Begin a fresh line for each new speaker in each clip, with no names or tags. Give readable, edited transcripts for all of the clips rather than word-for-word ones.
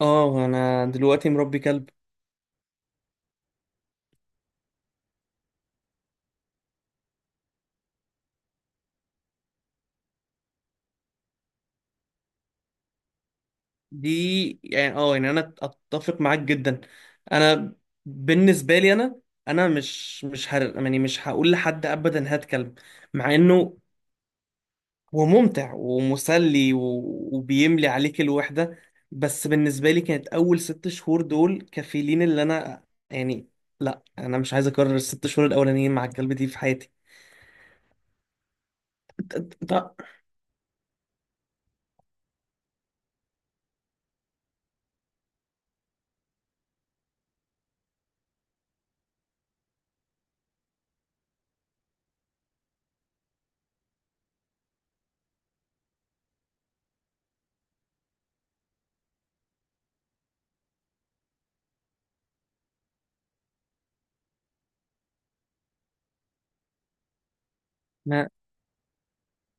اه، انا دلوقتي مربي كلب. دي، يعني، يعني انا اتفق معاك جدا. انا بالنسبه لي، انا مش هر يعني مش هقول لحد ابدا هات كلب، مع انه هو ممتع ومسلي و- وبيملي عليك الوحده. بس بالنسبه لي كانت اول 6 شهور دول كفيلين، اللي انا يعني لا، انا مش عايز اكرر الـ6 شهور الاولانيين مع الكلب دي في حياتي. طب،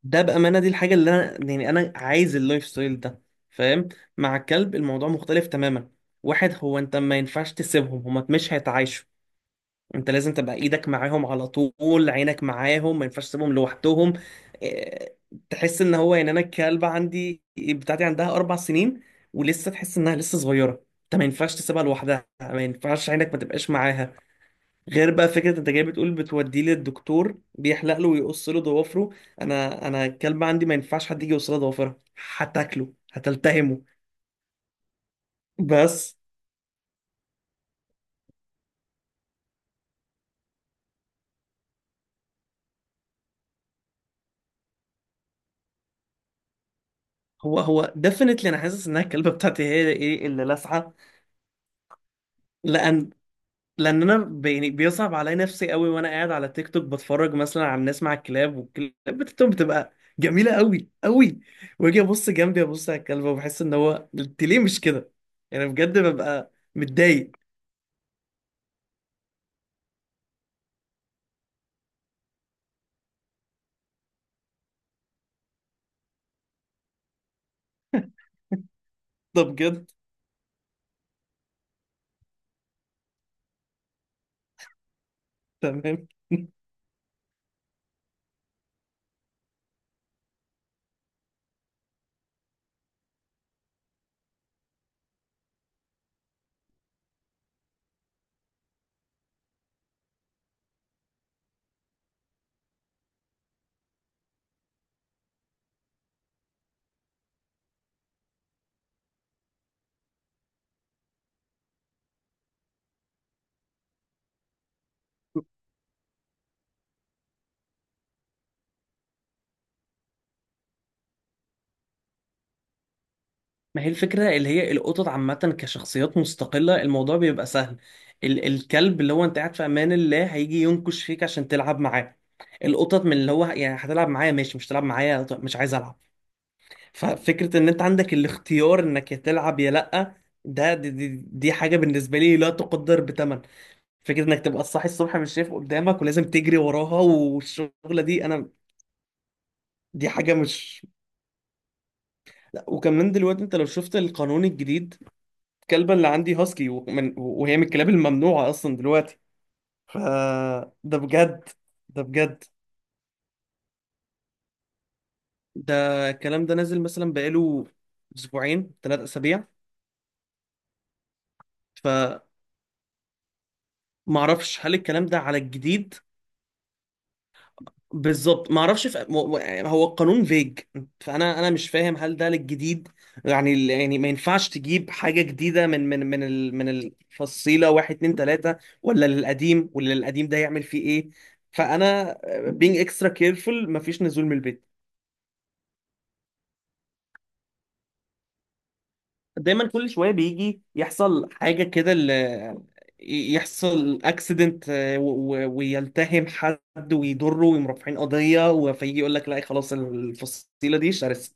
ده بأمانة دي الحاجة اللي أنا عايز اللايف ستايل ده، فاهم. مع الكلب الموضوع مختلف تماما، واحد هو أنت ما ينفعش تسيبهم، هما مش هيتعايشوا. أنت لازم تبقى إيدك معاهم على طول، عينك معاهم، ما ينفعش تسيبهم لوحدهم. إيه، تحس إن هو يعني أنا الكلبة عندي بتاعتي عندها 4 سنين، ولسه تحس إنها لسه صغيرة. أنت ما ينفعش تسيبها لوحدها، ما ينفعش عينك ما تبقاش معاها. غير بقى فكرة انت جاي بتقول بتوديه للدكتور بيحلق له ويقص له ضوافره، انا الكلب عندي ما ينفعش حد يجي يقص له ضوافرها، هتاكله، هتلتهمه. بس. هو ديفنتلي انا حاسس انها الكلبة بتاعتي هي ايه اللي لاسعة. لان لان انا بيصعب عليا نفسي قوي وانا قاعد على تيك توك بتفرج مثلا على الناس مع الكلاب، والكلاب بتاعتهم بتبقى جميلة قوي قوي. واجي ابص جنبي، ابص على الكلبة وبحس ان هو انت ليه مش كده، يعني بجد ببقى متضايق. ده بجد. تمام. ما هي الفكرة اللي هي القطط عامة كشخصيات مستقلة الموضوع بيبقى سهل. الكلب اللي هو انت قاعد في امان الله هيجي ينكش فيك عشان تلعب معاه. القطط من اللي هو يعني هتلعب معايا ماشي، مش هتلعب معايا طب مش عايز العب. ففكرة ان انت عندك الاختيار انك يا تلعب يا لأ، دي حاجة بالنسبة لي لا تقدر بثمن. فكرة انك تبقى صاحي الصبح مش شايف قدامك ولازم تجري وراها والشغلة دي، انا دي حاجة مش. لا، وكمان دلوقتي انت لو شفت القانون الجديد، الكلبة اللي عندي هاسكي، وهي من الكلاب الممنوعة أصلا دلوقتي، فده بجد، ده بجد. ده الكلام ده نازل مثلا بقاله أسبوعين، 3 أسابيع، فمعرفش هل الكلام ده على الجديد. بالظبط، ما اعرفش يعني هو القانون فيج. فانا مش فاهم هل ده للجديد، يعني ما ينفعش تجيب حاجه جديده من الفصيله واحد اتنين تلاته، ولا للقديم ده يعمل فيه ايه. فانا being extra careful، مفيش نزول من البيت. دايما كل شويه بيجي يحصل حاجه كده، يحصل اكسيدنت ويلتهم حد ويضره ويقوم رافعين قضيه، فيجي يقول لك لا خلاص الفصيله دي شرسه،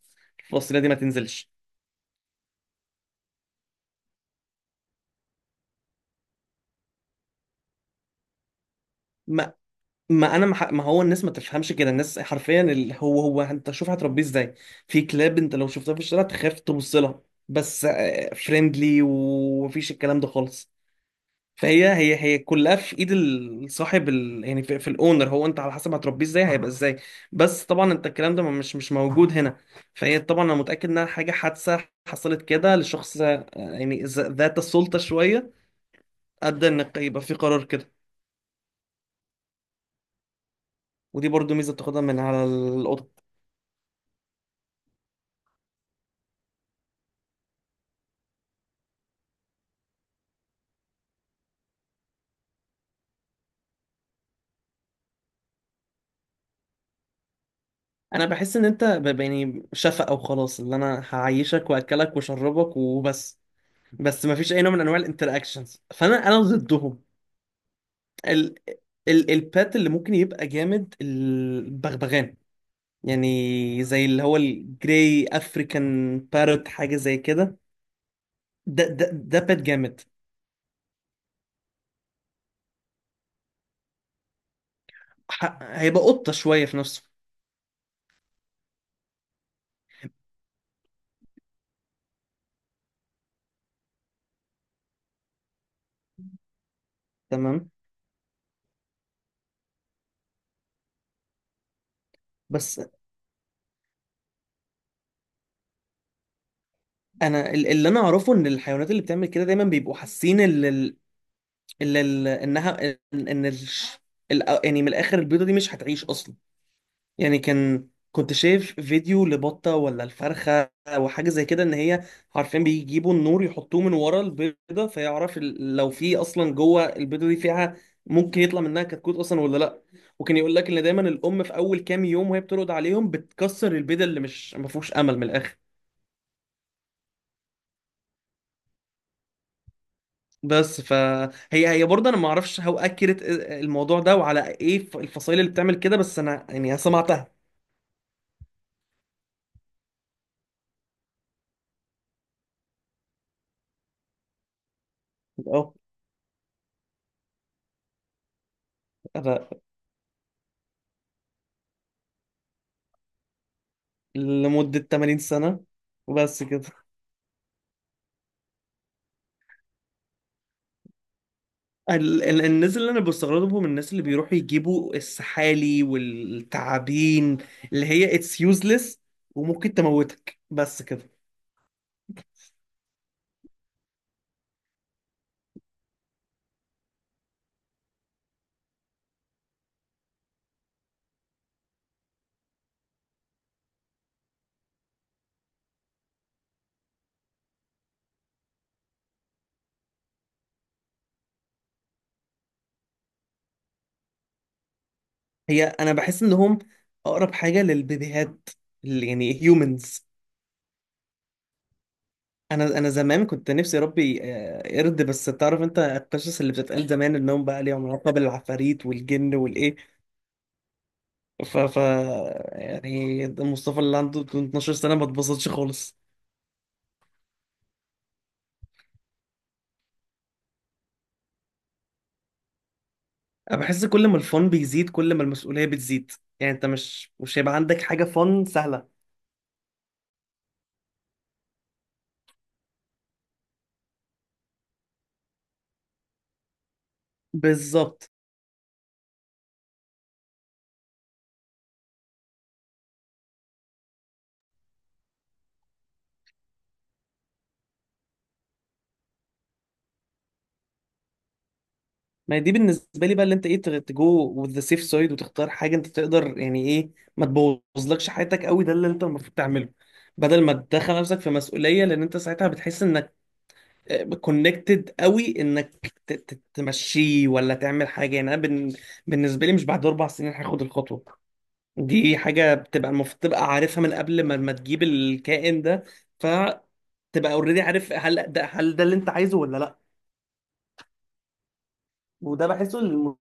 الفصيله دي ما تنزلش. ما ما انا ما ح- ما هو الناس ما تفهمش كده، الناس حرفيا اللي هو انت شوف هتربيه ازاي. في كلاب انت لو شفتها في الشارع تخاف تبص لها، بس فريندلي ومفيش الكلام ده خالص. فهي هي هي كلها في ايد صاحب ال... يعني في الاونر، هو انت على حسب هتربيه ازاي هيبقى ازاي. بس طبعا انت الكلام ده مش موجود هنا. فهي طبعا انا متاكد انها حاجه حادثه حصلت كده لشخص، يعني ذات السلطه شويه ادى ان يبقى في قرار كده. ودي برضو ميزه بتاخدها من على القطط. انا بحس ان انت شفقه وخلاص، اللي انا هعيشك واكلك واشربك وبس، بس مفيش اي نوع من انواع الانتراكشنز، فانا ضدهم. ال ال البات اللي ممكن يبقى جامد البغبغان، يعني زي اللي هو الجراي افريكان بارت، حاجة زي كده. ده بات جامد. هيبقى قطة شوية في نفسه. تمام. بس انا اللي انا اعرفه ان الحيوانات اللي بتعمل كده دايما بيبقوا حاسين انها ان إن الش- ال- يعني من الاخر البيضة دي مش هتعيش اصلا. يعني كنت شايف فيديو لبطة ولا الفرخة أو حاجة زي كده إن هي عارفين بيجيبوا النور يحطوه من ورا البيضة فيعرف لو في أصلا جوه البيضة دي فيها ممكن يطلع منها كتكوت أصلا ولا لأ. وكان يقول لك إن دايما الأم في أول كام يوم وهي بترقد عليهم بتكسر البيضة اللي مش ما فيهوش أمل من الآخر. بس فهي هي هي برضه انا ما اعرفش هو اكيرت الموضوع ده وعلى ايه الفصائل اللي بتعمل كده، بس انا يعني سمعتها. اه، أنا لمدة 80 سنة وبس كده. الناس اللي انا بستغربهم الناس اللي بيروحوا يجيبوا السحالي والتعابين، اللي هي اتس يوزلس، وممكن تموتك، بس كده. هي انا بحس انهم اقرب حاجه للبيبيهات اللي يعني هيومنز. انا زمان كنت نفسي اربي قرد، بس تعرف انت القصص اللي بتتقال زمان انهم بقى ليهم علاقه بالعفاريت والجن والايه، ف ف يعني مصطفى اللي عنده 12 سنه ما اتبسطش خالص. انا بحس كل ما الفن بيزيد كل ما المسؤوليه بتزيد، يعني انت مش هيبقى عندك حاجه فن سهله. بالظبط، ما هي دي بالنسبه لي بقى اللي انت ايه تجو وذ ذا سيف سايد، وتختار حاجه انت تقدر، يعني ايه، ما تبوظلكش حياتك قوي، ده اللي انت المفروض تعمله بدل ما تدخل نفسك في مسؤوليه، لان انت ساعتها بتحس انك كونكتد قوي انك تمشيه ولا تعمل حاجه. يعني انا بالنسبه لي مش بعد 4 سنين هاخد الخطوه. دي حاجه بتبقى المفروض تبقى عارفها من قبل ما تجيب الكائن ده، تبقى اوريدي عارف هل ده اللي انت عايزه ولا لا. وده بحسه.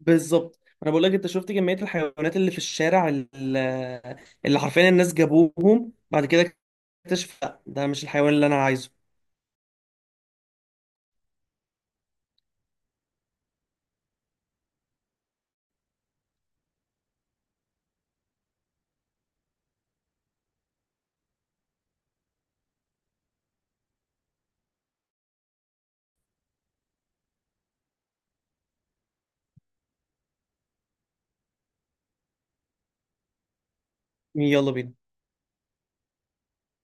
بالظبط، انا بقول لك انت شفت كميه الحيوانات اللي في الشارع اللي حرفيا الناس جابوهم بعد كده اكتشف لا ده مش الحيوان اللي انا عايزه. يلا بينا.